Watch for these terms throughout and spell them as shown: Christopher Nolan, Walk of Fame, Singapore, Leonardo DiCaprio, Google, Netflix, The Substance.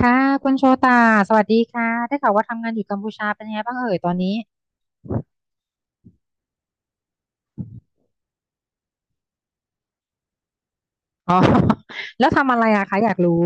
ค่ะคุณโชตาสวัสดีค่ะได้ข่าวว่าทำงานอยู่กัมพูชาเป็นยังไงบ้างเอ่ยตอนนี้อ๋อ แล้วทำอะไรอะคะอยากรู้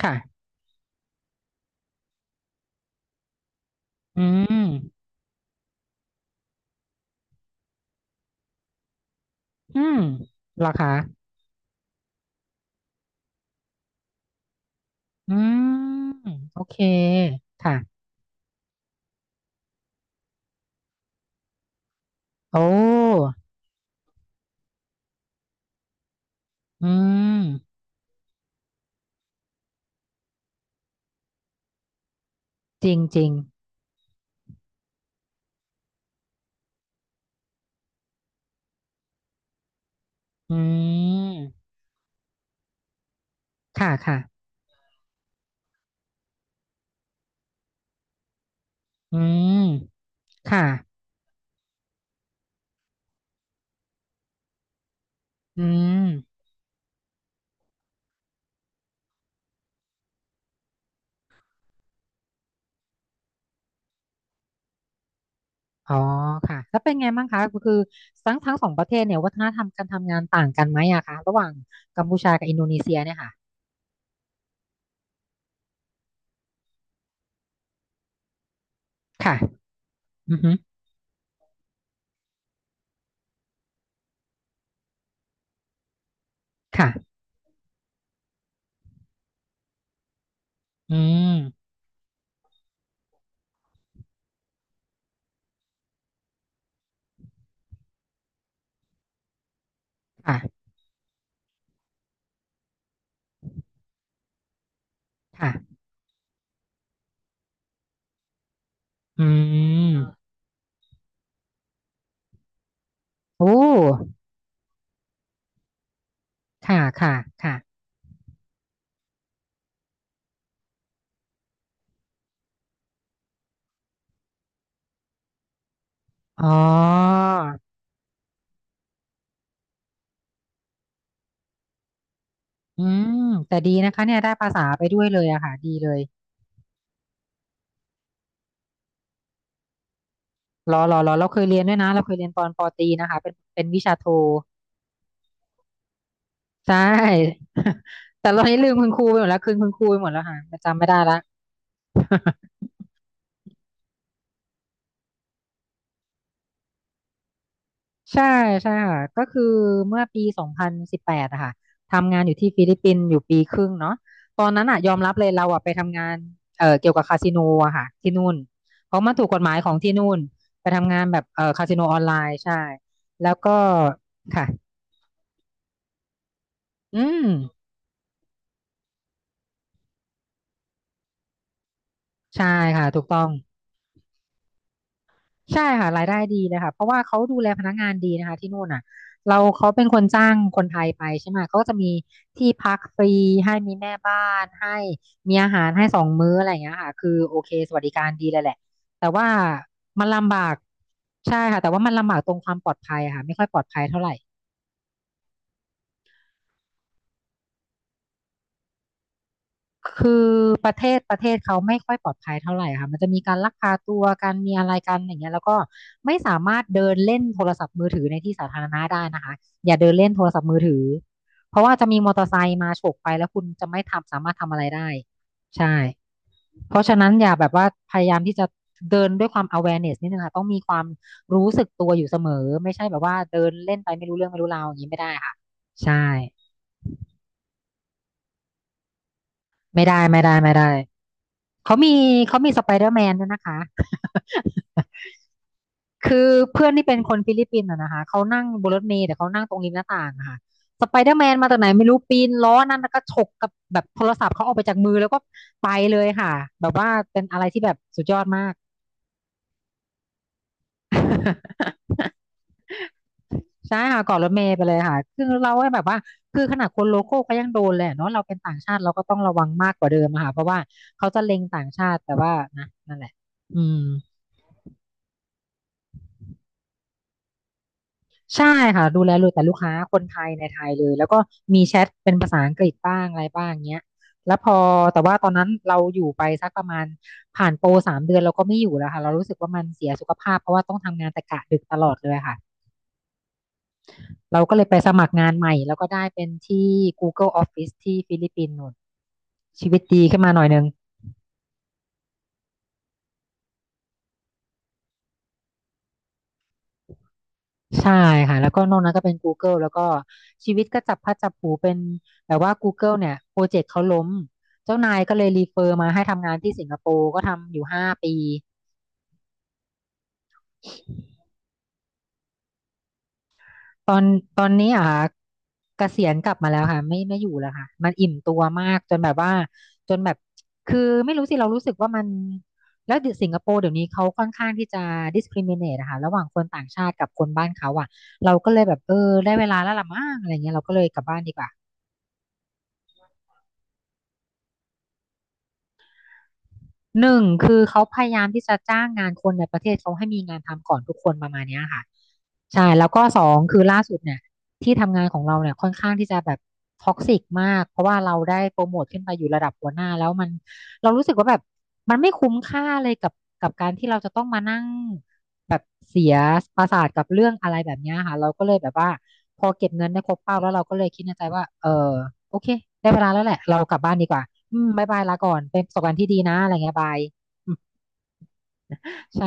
ค่ะอืมอืมเหรอคะอืมโอเคค่ะโอ้อืมจริงจริงอืมค่ะค่ะอืมค่ะอืมอ๋อค่ะแล้วเป็นไงบ้างคะก็คือทั้งสองประเทศเนี่ยวัฒนธรรมการทำงานต่างกันไหมอะคะระหว่างกัมพูชากับอินโดนีเซียเนี่ยค่ะค่ะอือฮึ ค่ะอืมค่ะค่ะอืมโอ้ค่ะค่ะค่ะอ๋ออืมแต่ดีนะคะเนี่ยได้ภาษาไปด้วยเลยอะค่ะดีเลยรอรอรอเราเคยเรียนด้วยนะเราเคยเรียนตอนปอตรีนะคะเป็นวิชาโทใช่ แต่ตอนนี้ลืมคุณครูไปหมดแล้วคืนคุณครูไปหมดแล้วค่ะจำไม่ได้ละ ใช่ใช่ค่ะก็คือเมื่อปี2018อะค่ะทำงานอยู่ที่ฟิลิปปินส์อยู่ปีครึ่งเนาะตอนนั้นอะยอมรับเลยเราอะไปทำงานเกี่ยวกับคาสิโนอะค่ะที่นู่นเพราะมันถูกกฎหมายของที่นู่นไปทำงานแบบคาสิโนออนไลน์ใช่แล้วก็ค่ะอืมใช่ค่ะถูกต้อง ใช่ค่ะรายได้ดีเลยค่ะเพราะว่าเขาดูแลพนักงานดีนะคะที่นู่นอ่ะเราเขาเป็นคนจ้างคนไทยไปใช่ไหมเขาก็จะมีที่พักฟรีให้มีแม่บ้านให้มีอาหารให้2 มื้ออะไรอย่างเงี้ยค่ะคือโอเคสวัสดิการดีเลยแหละแต่ว่ามันลำบากใช่ค่ะแต่ว่ามันลำบากตรงความปลอดภัยอะค่ะไม่ค่อยปลอดภัยเท่าไหร่ คือประเทศเขาไม่ค่อยปลอดภัยเท่าไหร่ค่ะมันจะมีการลักพาตัวการมีอะไรกันอย่างเงี้ยแล้วก็ไม่สามารถเดินเล่นโทรศัพท์มือถือในที่สาธารณะได้นะคะอย่าเดินเล่นโทรศัพท์มือถือเพราะว่าจะมีมอเตอร์ไซค์มาฉกไปแล้วคุณจะไม่สามารถทำอะไรได้ใช่เพราะฉะนั้นอย่าแบบว่าพยายามที่จะเดินด้วยความ awareness นิดนึงค่ะต้องมีความรู้สึกตัวอยู่เสมอไม่ใช่แบบว่าเดินเล่นไปไม่รู้เรื่องไม่รู้ราวอย่างนี้ไม่ได้ค่ะใช่ ไม่ได้ไม่ได้ไม่ได้ เขามีเขามีสไปเดอร์แมนด้วยนะคะ คือเพื่อนที่เป็นคนฟิลิปปินส์อะนะคะเขานั่งบนรถเมล์แต่เขานั่งตรงริมหน้าต่างอะค่ะสไปเดอร์แมนมาจากไหนไม่รู้ปีนล้อนั่นแล้วก็ฉกกับแบบโทรศัพท์เขาออกไปจากมือแล้วก็ไปเลยค่ะแบบว่าเป็นอะไรที่แบบสุดยอดมาก ใช่ค่ะเกาะรถเมล์ไปเลยค่ะคือเราให้แบบว่าคือขนาดคนโลโก้ก็ยังโดนเลยอะเนาะเราเป็นต่างชาติเราก็ต้องระวังมากกว่าเดิมอะค่ะเพราะว่าเขาจะเล็งต่างชาติแต่ว่านะนั่นแหละอืม ใช่ค่ะดูแลเลยแต่ลูกค้าคนไทยในไทยเลยแล้วก็มีแชทเป็นภาษาอังกฤษบ้างอะไรบ้างเงี้ยแล้วพอแต่ว่าตอนนั้นเราอยู่ไปสักประมาณผ่านโปร3 เดือนเราก็ไม่อยู่แล้วค่ะเรารู้สึกว่ามันเสียสุขภาพเพราะว่าต้องทำงานแต่กะดึกตลอดเลยค่ะเราก็เลยไปสมัครงานใหม่แล้วก็ได้เป็นที่ Google Office ที่ฟิลิปปินส์นู่นชีวิตดีขึ้นมาหน่อยนึง ใช่ค่ะแล้วก็นอกนั้นก็เป็น Google แล้วก็ชีวิตก็จับพลัดจับผลูเป็นแบบว่า Google เนี่ยโปรเจกต์เขาล้มเจ้านายก็เลยรีเฟอร์มาให้ทำงานที่สิงคโปร์ก็ทำอยู่5 ปีตอนตอนนี้อ่ะเกษียณกลับมาแล้วค่ะไม่ไม่อยู่แล้วค่ะมันอิ่มตัวมากจนแบบว่าจนแบบคือไม่รู้สิเรารู้สึกว่ามันแล้วเดี๋ยวสิงคโปร์เดี๋ยวนี้เขาค่อนข้างที่จะ discriminate นะคะระหว่างคนต่างชาติกับคนบ้านเขาอ่ะเราก็เลยแบบเออได้เวลาแล้วล่ะมั้งอะไรเงี้ยเราก็เลยกลับบ้านดีกว่า หนึ่งคือเขาพยายามที่จะจ้างงานคนในประเทศเขาให้มีงานทำก่อนทุกคนประมาณเนี้ยค่ะ ใช่แล้วก็สองคือล่าสุดเนี่ยที่ทำงานของเราเนี่ยค่อนข้างที่จะแบบท็อกซิกมากเพราะว่าเราได้โปรโมทขึ้นไปอยู่ระดับหัวหน้าแล้วมันเรารู้สึกว่าแบบมันไม่คุ้มค่าเลยกับการที่เราจะต้องมานั่งแบบเสียประสาทกับเรื่องอะไรแบบเนี้ยค่ะเราก็เลยแบบว่าพอเก็บเงินได้ครบเป้าแล้วเราก็เลยคิดในใจว่าเออโอเคได้เวลาแล้วแหละเรากลับบ้านดีกว่าอืมบายบายลาก่อนเป็นประสบการณ์ที่ดีนะอะไรเงี้ยบายใช่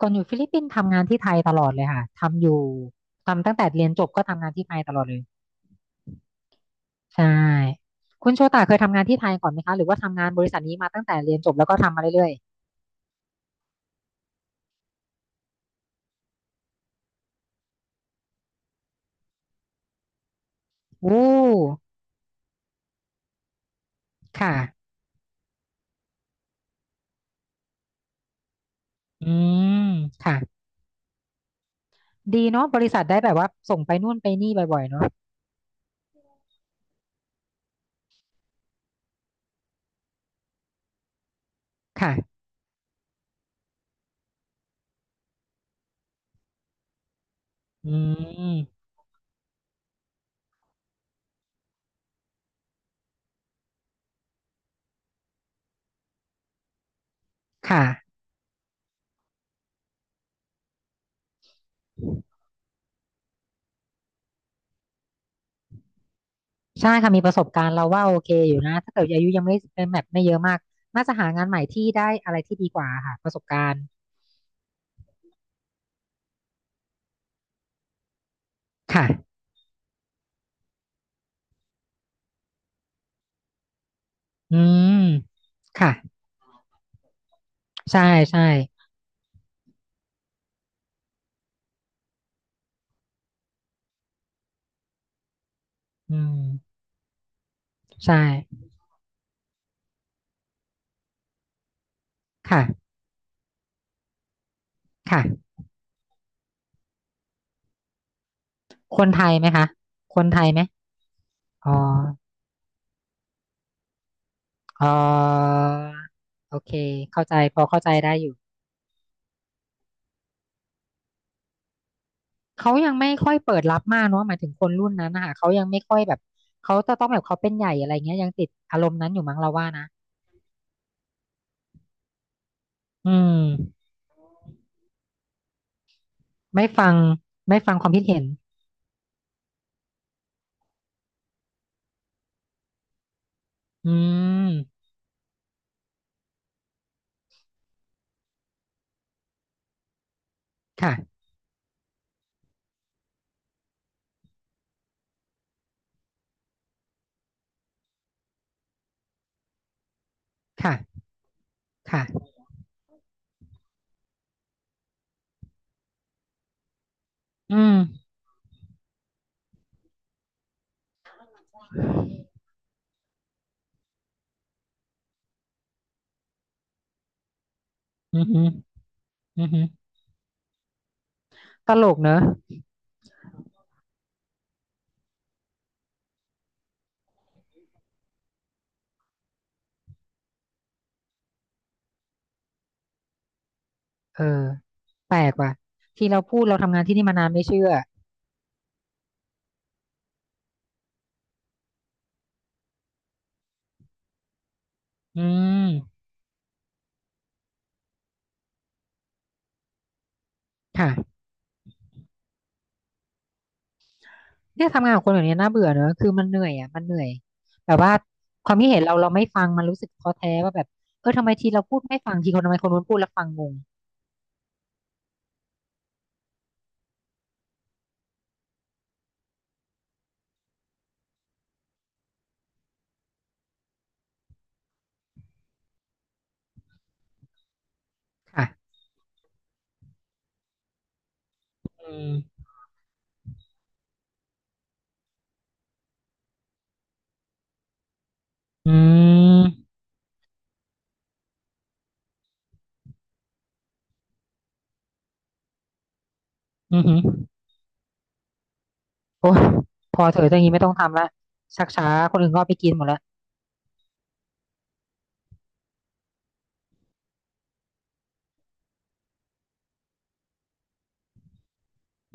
ก่อนอยู่ฟิลิปปินส์ทำงานที่ไทยตลอดเลยค่ะทำอยู่ทำตั้งแต่เรียนจบก็ทำงานที่ไทยตลอดเลยใช่คุณโชตาเคยทำงานที่ไทยก่อนไหมคะหรือว่าทำงานบริษัทนี้มาตั้งแต่เรียนจบแล้วก็ทำมาเรื่อยๆโอ้ค่ะอืมค่ะดีเนาะบริษัทได้แบบว่าส่งไปนู่นไปนี่บ่อยๆเนาะค่ะอืมค่ะใช่ค่ะมีประสบการณ์เราว่าโอเคอยู่นะถ้าเกิดอายุยังไม่เป็นแบบไม่เยอะมากน่าจะหางานใหม่ที่ได้อะไรที่ดีกว่าค่ะประสบการณ์ค่ะอืมค่ะ ใช่ใช่อืมใช่ค่ะค่ะคนไทยไหมคะคนไทยไหมอ๋ออ๋อโอเคเข้าใจพอเข้าใจได้อยู่เขายังไม่ค่อยเปิดรับมากเนาะหมายถึงคนรุ่นนั้นนะคะเขายังไม่ค่อยแบบเขาจะต้องแบบเขาเป็นใหญ่อะไรเงี้ยยังติดอารมณ์นั้นอยู่มั้งเราว่านะอืมไม่ฟังไม่ฟังความคิดเห็นอืมค่ะค่ะค่ะอืมอือหืออือหือตลกเนอะ เออแปลกว่ะที่เราพูดเราทำงานที่นี่มานานไม่เชื่ออืมค่ะเนี่ยทำงานกับคนแบบนี้น่าเบื่อเนอะคือมันเหนื่อยอ่ะมันเหนื่อยแบบว่าความคิดเห็นเราเราไม่ฟังมันรู้สึกท้อแท้ว่าแบบเออทำไมทีเราพูดไม่ฟังทีคนทำไมคนนู้นพูดแล้วฟังงงค่ะอืมอืมอือหือโอ้ยพอเถอะอย่างนี้ไม่ต้องทำละชักช้าคนอื่นก็เอาไปกินหมดละ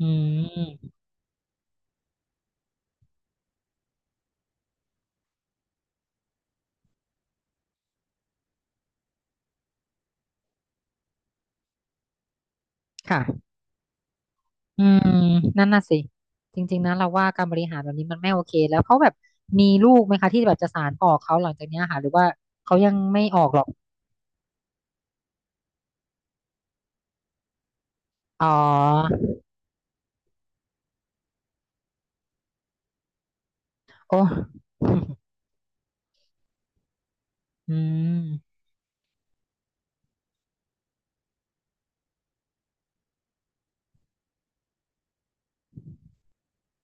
อืมค่ะ อืมนั่นน่ะสิจริงๆนะเราว่าการบริหารแบบนี้มันไม่โอเคแล้วเขาแบบมีลูกไหมคะที่แบบจะสานต่อเขาหลังจากเนี้ยค่ะหรือว่าเขายังไม่ออกหรอก อ๋อ โอ้ อืม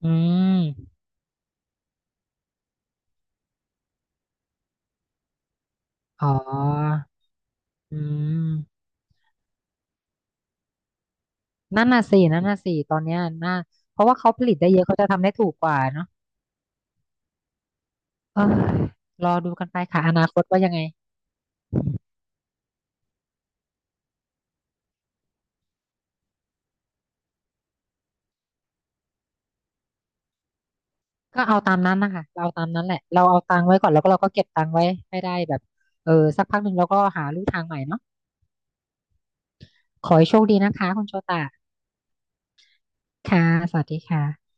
อืมอ๋ออืมนั่นน่ะสินั่นน่ะสิตอนเนี้ยน่าเพราะว่าเขาผลิตได้เยอะเขาจะทำได้ถูกกว่าเนาะเออรอดูกันไปค่ะอนาคตว่ายังไง ก็เอาตามนั้นนะคะ เราเอาตามนั้นแหละเราเอาตังค์ไว้ก่อนแล้วก็เราก็เก็บตังค์ไว้ให้ได้แบบเออสักพักหนึ่งเราก็หาลู่ทางใหม่เนาะ ขอให้โชคดีนะคะคุณโชตะค่ะ สวัสดีค่ะ